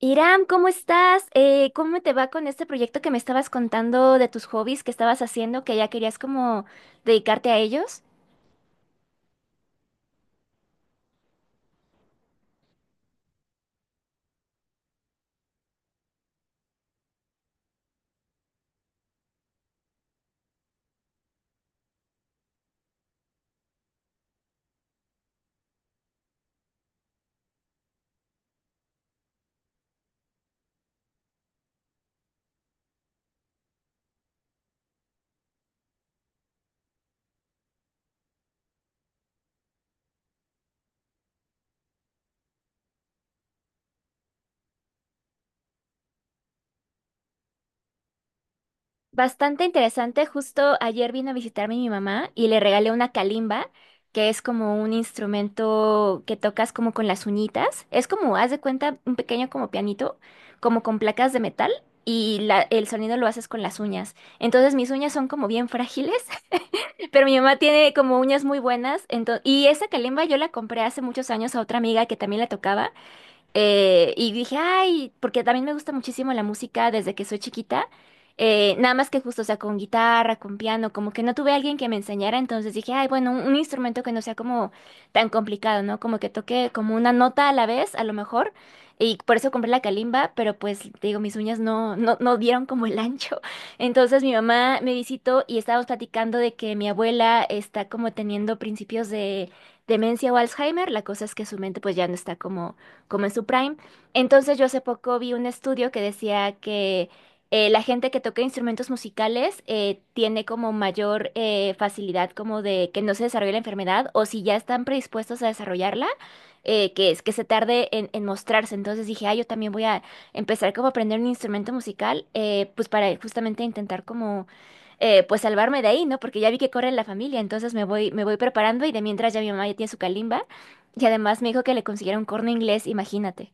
Iram, ¿cómo estás? ¿Cómo te va con este proyecto que me estabas contando de tus hobbies que estabas haciendo, que ya querías como dedicarte a ellos? Bastante interesante. Justo ayer vino a visitarme mi mamá y le regalé una calimba, que es como un instrumento que tocas como con las uñitas. Es como, haz de cuenta, un pequeño como pianito, como con placas de metal y el sonido lo haces con las uñas. Entonces mis uñas son como bien frágiles. Pero mi mamá tiene como uñas muy buenas. Entonces y esa calimba yo la compré hace muchos años a otra amiga que también la tocaba. Y dije, ay, porque también me gusta muchísimo la música desde que soy chiquita. Nada más que justo, o sea, con guitarra, con piano, como que no tuve alguien que me enseñara, entonces dije, ay, bueno, un instrumento que no sea como tan complicado, ¿no? Como que toque como una nota a la vez, a lo mejor. Y por eso compré la calimba, pero pues, te digo, mis uñas no, no, no dieron como el ancho. Entonces mi mamá me visitó y estábamos platicando de que mi abuela está como teniendo principios de demencia o Alzheimer. La cosa es que su mente pues ya no está como en su prime. Entonces yo hace poco vi un estudio que decía que la gente que toca instrumentos musicales tiene como mayor facilidad como de que no se desarrolle la enfermedad o si ya están predispuestos a desarrollarla, que es que se tarde en, mostrarse. Entonces dije, ah, yo también voy a empezar como a aprender un instrumento musical, pues para justamente intentar como pues salvarme de ahí, ¿no? Porque ya vi que corre en la familia, entonces me voy preparando y de mientras ya mi mamá ya tiene su calimba y además me dijo que le consiguiera un corno inglés, imagínate.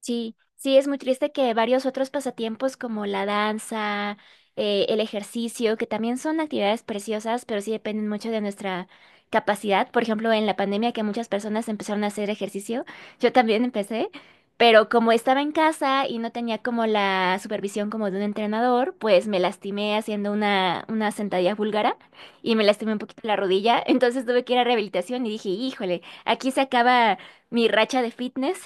Sí, sí, es muy triste que varios otros pasatiempos como la danza, el ejercicio, que también son actividades preciosas, pero sí dependen mucho de nuestra capacidad. Por ejemplo, en la pandemia que muchas personas empezaron a hacer ejercicio, yo también empecé, pero como estaba en casa y no tenía como la supervisión como de un entrenador, pues me lastimé haciendo una sentadilla búlgara y me lastimé un poquito la rodilla, entonces tuve que ir a rehabilitación y dije, híjole, aquí se acaba mi racha de fitness.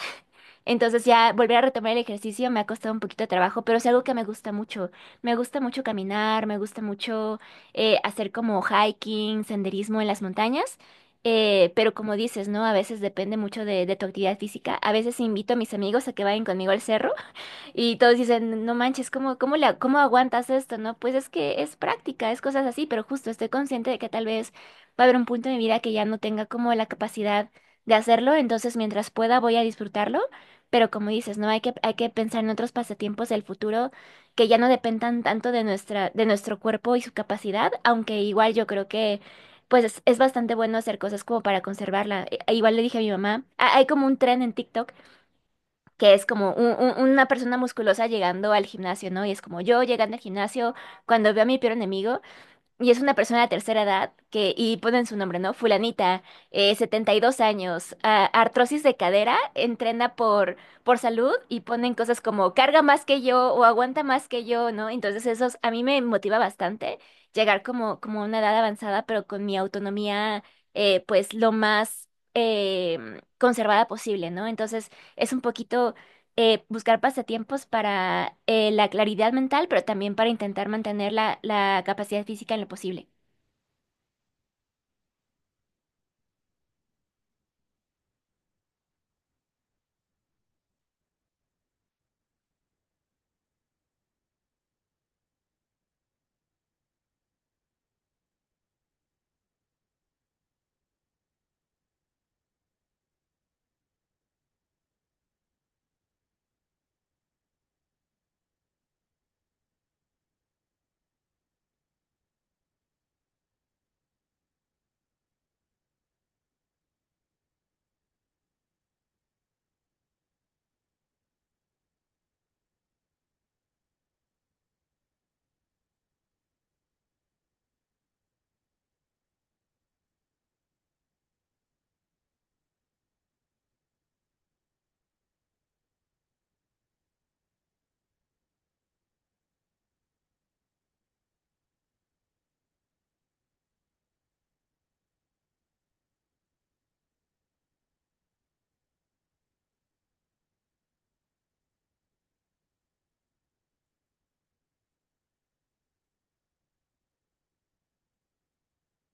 Entonces ya volver a retomar el ejercicio me ha costado un poquito de trabajo, pero es algo que me gusta mucho. Me gusta mucho caminar, me gusta mucho hacer como hiking, senderismo en las montañas. Pero como dices, ¿no? A veces depende mucho de tu actividad física. A veces invito a mis amigos a que vayan conmigo al cerro y todos dicen, no manches, ¿cómo, cómo la, cómo aguantas esto? ¿No? Pues es que es práctica, es cosas así, pero justo estoy consciente de que tal vez va a haber un punto en mi vida que ya no tenga como la capacidad de hacerlo, entonces mientras pueda voy a disfrutarlo, pero como dices, ¿no? Hay que pensar en otros pasatiempos del futuro que ya no dependan tanto de nuestra, de nuestro cuerpo y su capacidad, aunque igual yo creo que pues es bastante bueno hacer cosas como para conservarla. Igual le dije a mi mamá: "Ah, hay como un tren en TikTok que es como una persona musculosa llegando al gimnasio, ¿no? Y es como yo llegando al gimnasio cuando veo a mi peor enemigo y es una persona de tercera edad que y ponen su nombre, ¿no? Fulanita, 72 años, ah, artrosis de cadera, entrena por salud y ponen cosas como carga más que yo o aguanta más que yo, ¿no? Entonces eso a mí me motiva bastante llegar como a una edad avanzada, pero con mi autonomía pues lo más eh, conservada posible, ¿no? Entonces es un poquito buscar pasatiempos para la claridad mental, pero también para intentar mantener la capacidad física en lo posible.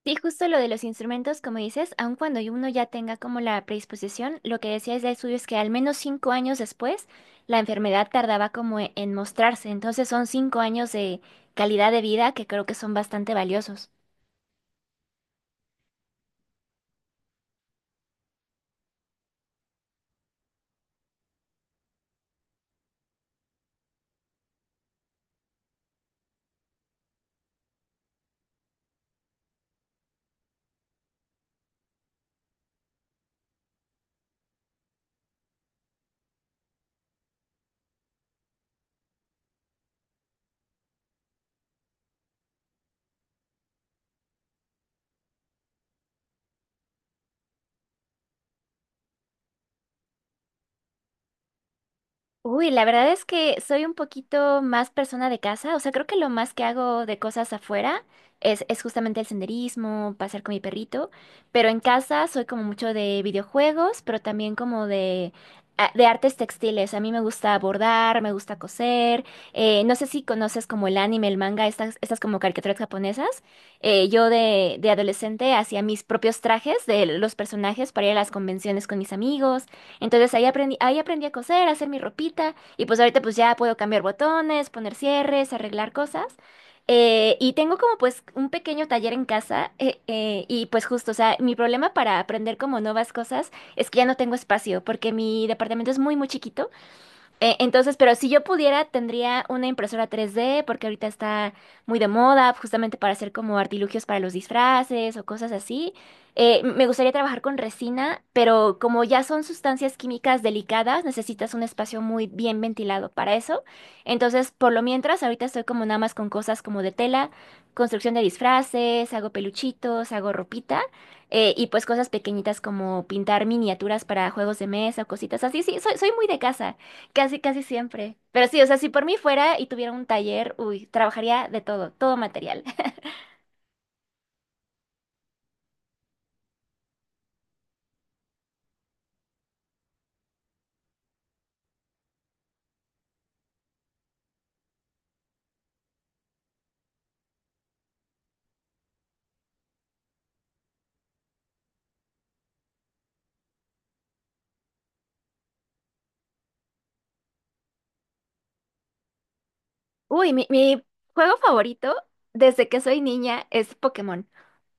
Sí, justo lo de los instrumentos, como dices, aun cuando uno ya tenga como la predisposición, lo que decías el estudio es que al menos 5 años después la enfermedad tardaba como en mostrarse. Entonces son 5 años de calidad de vida que creo que son bastante valiosos. Uy, la verdad es que soy un poquito más persona de casa, o sea, creo que lo más que hago de cosas afuera es justamente el senderismo, pasear con mi perrito, pero en casa soy como mucho de videojuegos, pero también como de, de artes textiles. A mí me gusta bordar, me gusta coser, no sé si conoces como el anime, el manga, estas como caricaturas japonesas. Yo de adolescente hacía mis propios trajes de los personajes para ir a las convenciones con mis amigos. Entonces ahí aprendí a coser, a hacer mi ropita y pues ahorita pues ya puedo cambiar botones, poner cierres, arreglar cosas. Y tengo como pues un pequeño taller en casa y pues justo, o sea, mi problema para aprender como nuevas cosas es que ya no tengo espacio porque mi departamento es muy muy chiquito. Entonces, pero si yo pudiera, tendría una impresora 3D, porque ahorita está muy de moda, justamente para hacer como artilugios para los disfraces o cosas así. Me gustaría trabajar con resina, pero como ya son sustancias químicas delicadas, necesitas un espacio muy bien ventilado para eso. Entonces, por lo mientras, ahorita estoy como nada más con cosas como de tela, construcción de disfraces, hago peluchitos, hago ropita. Y pues cosas pequeñitas como pintar miniaturas para juegos de mesa o cositas así. Sí, soy muy de casa. Casi, casi siempre. Pero sí, o sea, si por mí fuera y tuviera un taller, uy, trabajaría de todo, todo material. Uy, mi juego favorito desde que soy niña es Pokémon.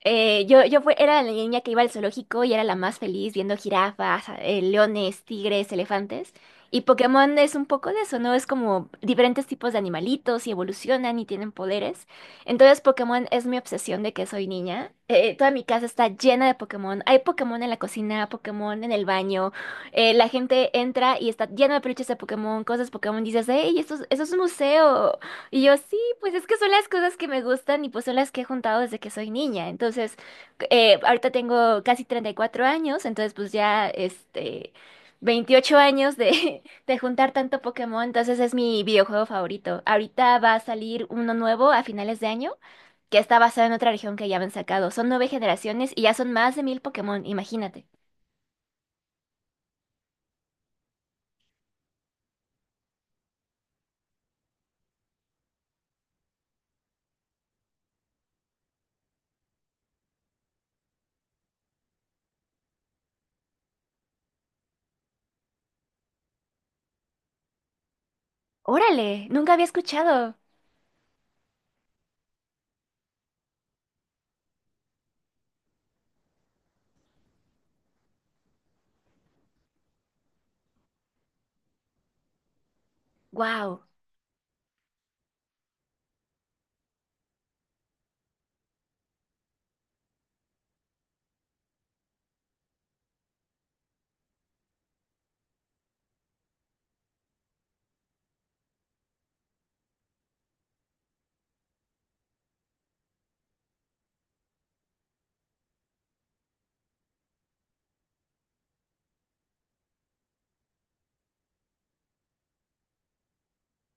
Yo era la niña que iba al zoológico y era la más feliz viendo jirafas, leones, tigres, elefantes. Y Pokémon es un poco de eso, ¿no? Es como diferentes tipos de animalitos y evolucionan y tienen poderes. Entonces Pokémon es mi obsesión de que soy niña. Toda mi casa está llena de Pokémon. Hay Pokémon en la cocina, Pokémon en el baño. La gente entra y está llena de peluches de Pokémon, cosas Pokémon. Dices, hey, esto, esto es un museo y yo, sí, pues es que son las cosas que me gustan y pues son las que he juntado desde que soy niña. Entonces, ahorita tengo casi 34 años, entonces pues ya, este, 28 años de, de juntar tanto Pokémon, entonces es mi videojuego favorito. Ahorita va a salir uno nuevo a finales de año, que está basado en otra región que ya habían sacado. Son 9 generaciones y ya son más de 1000 Pokémon, imagínate. Órale, nunca había escuchado. Wow,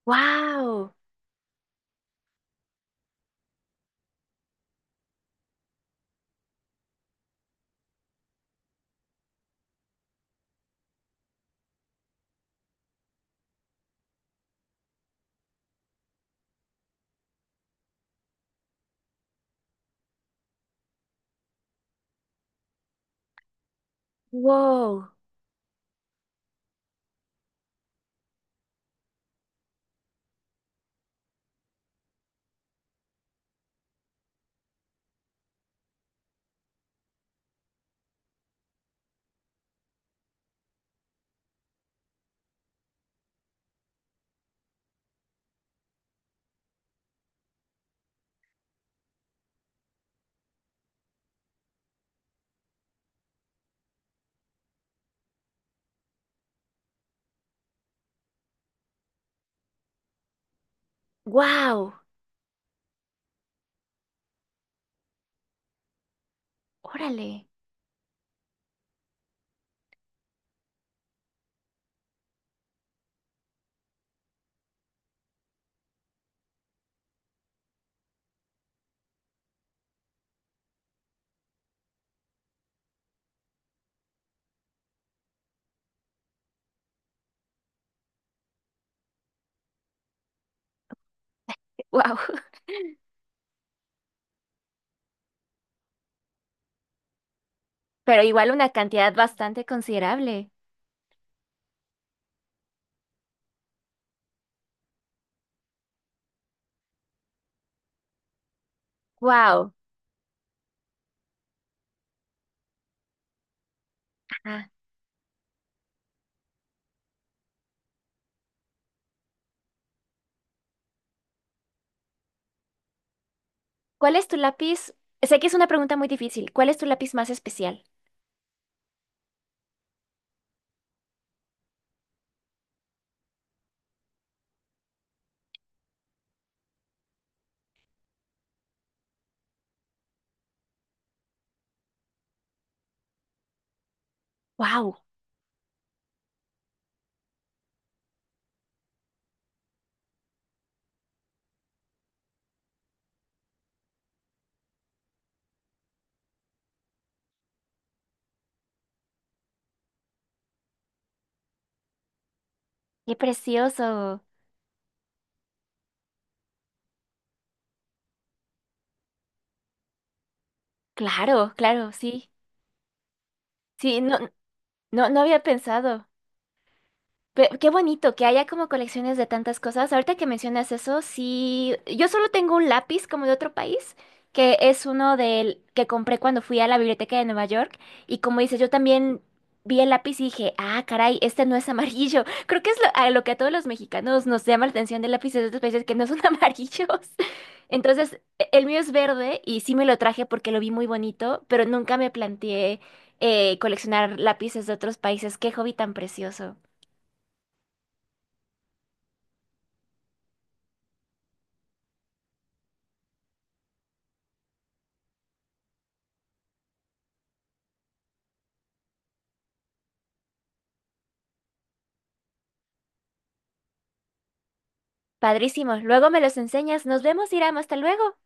wow, wow, wow, órale, wow. Pero igual una cantidad bastante considerable. Wow. ¿Cuál es tu lápiz? Sé que es una pregunta muy difícil. ¿Cuál es tu lápiz más especial? Wow, qué precioso. Claro, claro, sí. Sí, no, no, no había pensado. Qué bonito que haya como colecciones de tantas cosas. Ahorita que mencionas eso, sí, yo solo tengo un lápiz como de otro país, que es uno del que compré cuando fui a la biblioteca de Nueva York. Y como dices, yo también vi el lápiz y dije, ah, caray, este no es amarillo. Creo que es lo, a lo que a todos los mexicanos nos llama la atención de lápices de otros países que no son amarillos. Entonces, el mío es verde y sí me lo traje porque lo vi muy bonito, pero nunca me planteé coleccionar lápices de otros países. Qué hobby tan precioso. Padrísimos. Luego me los enseñas. Nos vemos, Iram. Hasta luego.